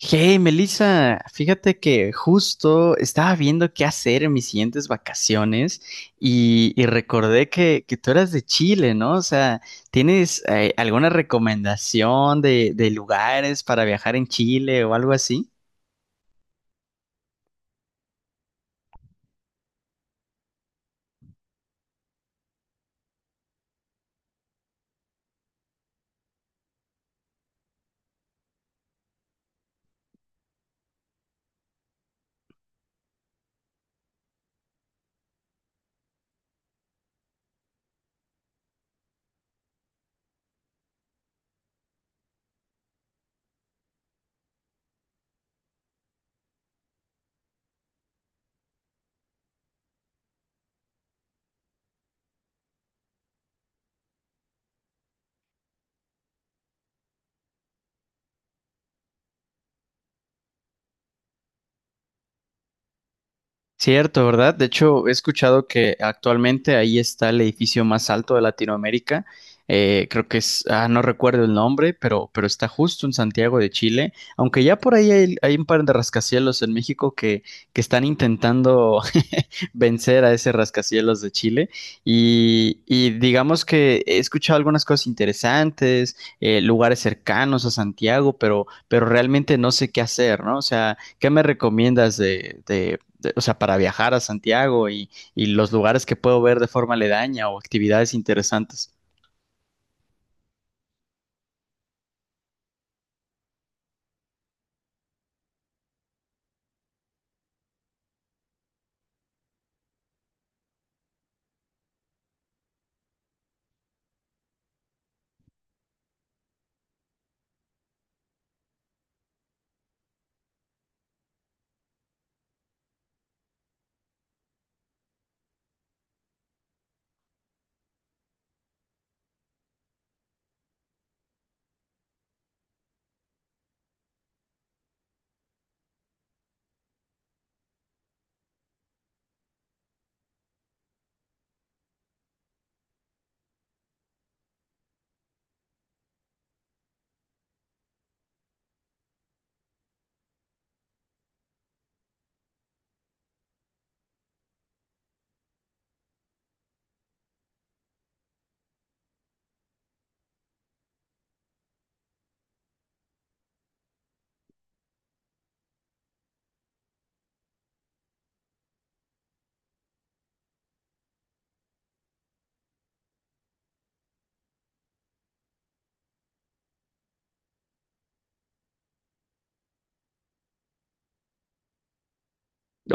Hey, Melissa, fíjate que justo estaba viendo qué hacer en mis siguientes vacaciones y recordé que tú eras de Chile, ¿no? O sea, ¿tienes alguna recomendación de lugares para viajar en Chile o algo así? Cierto, ¿verdad? De hecho, he escuchado que actualmente ahí está el edificio más alto de Latinoamérica. Creo que es, ah, no recuerdo el nombre, pero está justo en Santiago de Chile. Aunque ya por ahí hay un par de rascacielos en México que están intentando vencer a ese rascacielos de Chile. Y digamos que he escuchado algunas cosas interesantes, lugares cercanos a Santiago, pero realmente no sé qué hacer, ¿no? O sea, ¿qué me recomiendas de, o sea, para viajar a Santiago y los lugares que puedo ver de forma aledaña o actividades interesantes?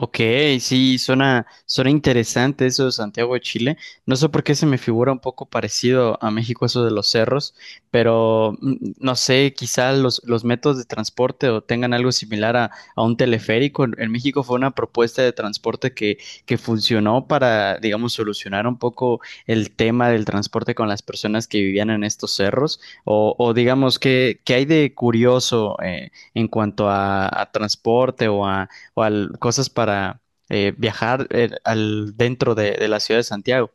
Ok, sí, suena, suena interesante eso de Santiago de Chile. No sé por qué se me figura un poco parecido a México eso de los cerros, pero no sé, quizá los métodos de transporte o tengan algo similar a un teleférico. En México fue una propuesta de transporte que funcionó para, digamos, solucionar un poco el tema del transporte con las personas que vivían en estos cerros. O digamos, qué hay de curioso en cuanto a transporte o a cosas para viajar al, dentro de la ciudad de Santiago?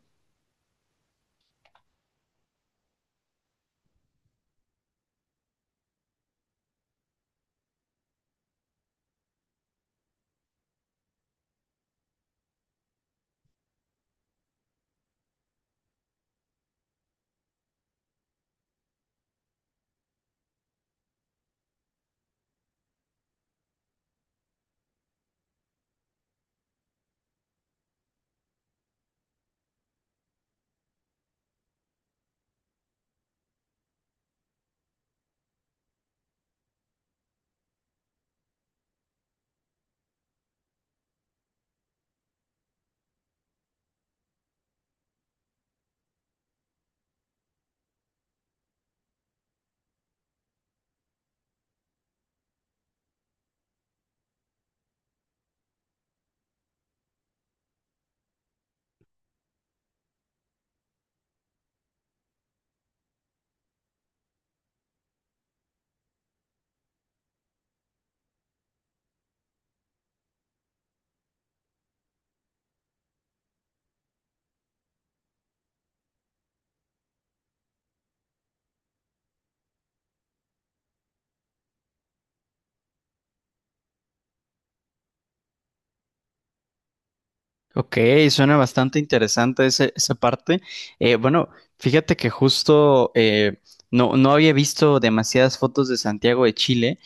Ok, suena bastante interesante esa parte. Bueno, fíjate que justo no había visto demasiadas fotos de Santiago de Chile.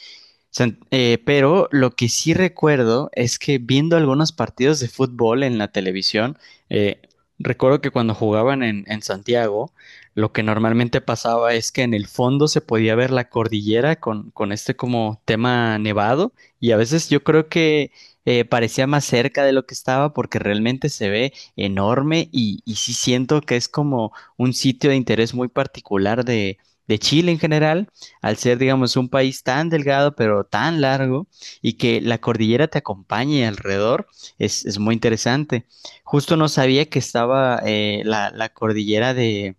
Pero lo que sí recuerdo es que viendo algunos partidos de fútbol en la televisión, eh, recuerdo que cuando jugaban en Santiago, lo que normalmente pasaba es que en el fondo se podía ver la cordillera con este como tema nevado y a veces yo creo que parecía más cerca de lo que estaba porque realmente se ve enorme y sí siento que es como un sitio de interés muy particular de Chile en general al ser, digamos, un país tan delgado pero tan largo y que la cordillera te acompañe alrededor, es muy interesante. Justo no sabía que estaba la, la cordillera de,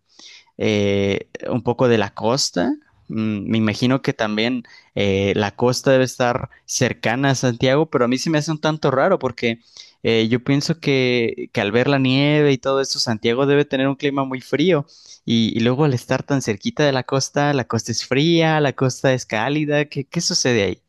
un poco de la costa. Mm, me imagino que también la costa debe estar cercana a Santiago, pero a mí se me hace un tanto raro porque yo pienso que al ver la nieve y todo eso, Santiago debe tener un clima muy frío y luego al estar tan cerquita de la costa es fría, la costa es cálida, ¿qué, qué sucede ahí?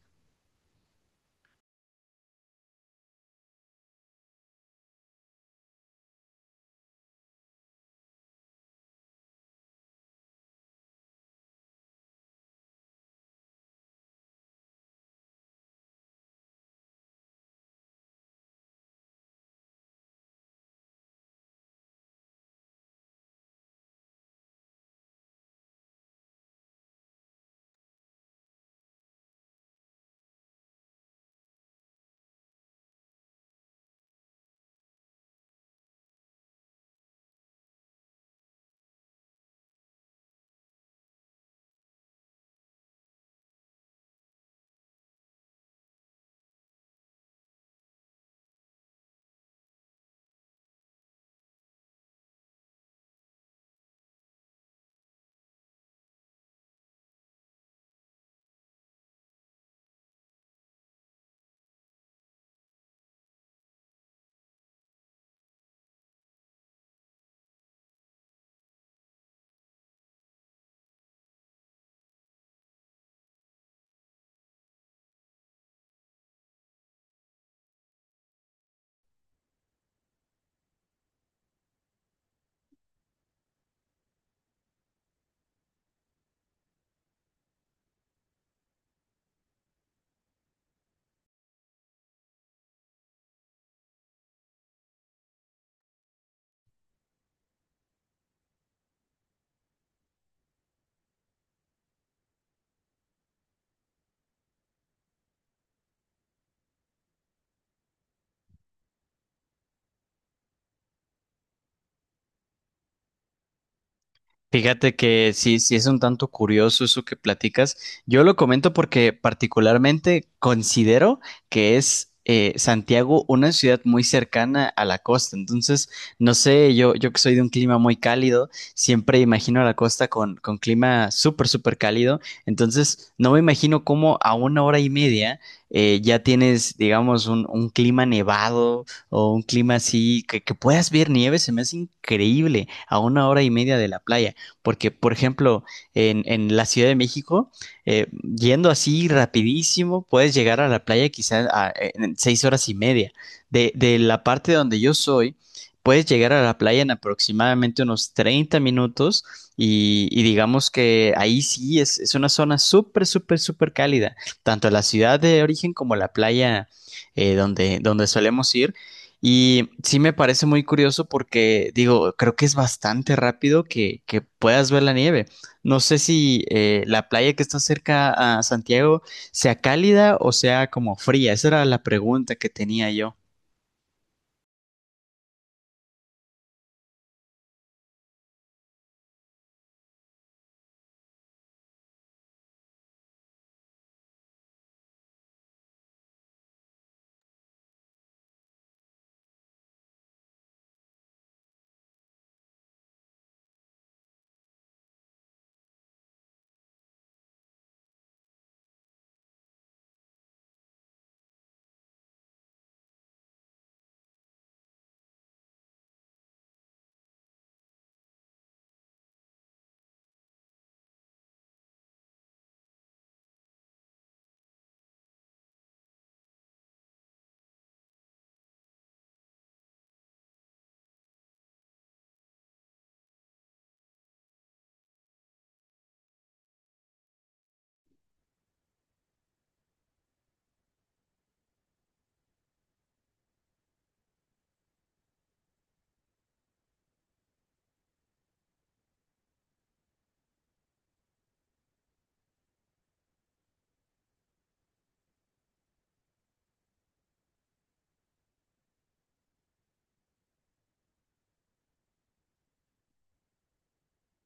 Fíjate que sí, sí es un tanto curioso eso que platicas. Yo lo comento porque particularmente considero que es Santiago una ciudad muy cercana a la costa. Entonces, no sé, yo que soy de un clima muy cálido, siempre imagino a la costa con clima súper, súper cálido. Entonces, no me imagino cómo a una hora y media ya tienes, digamos, un clima nevado o un clima así, que puedas ver nieve, se me hace increíble a una hora y media de la playa. Porque, por ejemplo, en la Ciudad de México, eh, yendo así rapidísimo, puedes llegar a la playa quizás en 6 horas y media. De la parte donde yo soy, puedes llegar a la playa en aproximadamente unos 30 minutos y digamos que ahí sí es una zona súper, súper, súper cálida. Tanto la ciudad de origen como la playa donde, donde solemos ir y sí me parece muy curioso porque, digo, creo que es bastante rápido que puedas ver la nieve. No sé si la playa que está cerca a Santiago sea cálida o sea como fría. Esa era la pregunta que tenía yo.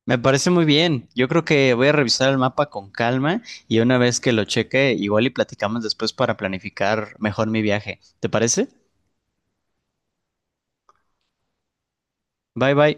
Me parece muy bien. Yo creo que voy a revisar el mapa con calma y una vez que lo cheque, igual y platicamos después para planificar mejor mi viaje. ¿Te parece? Bye bye.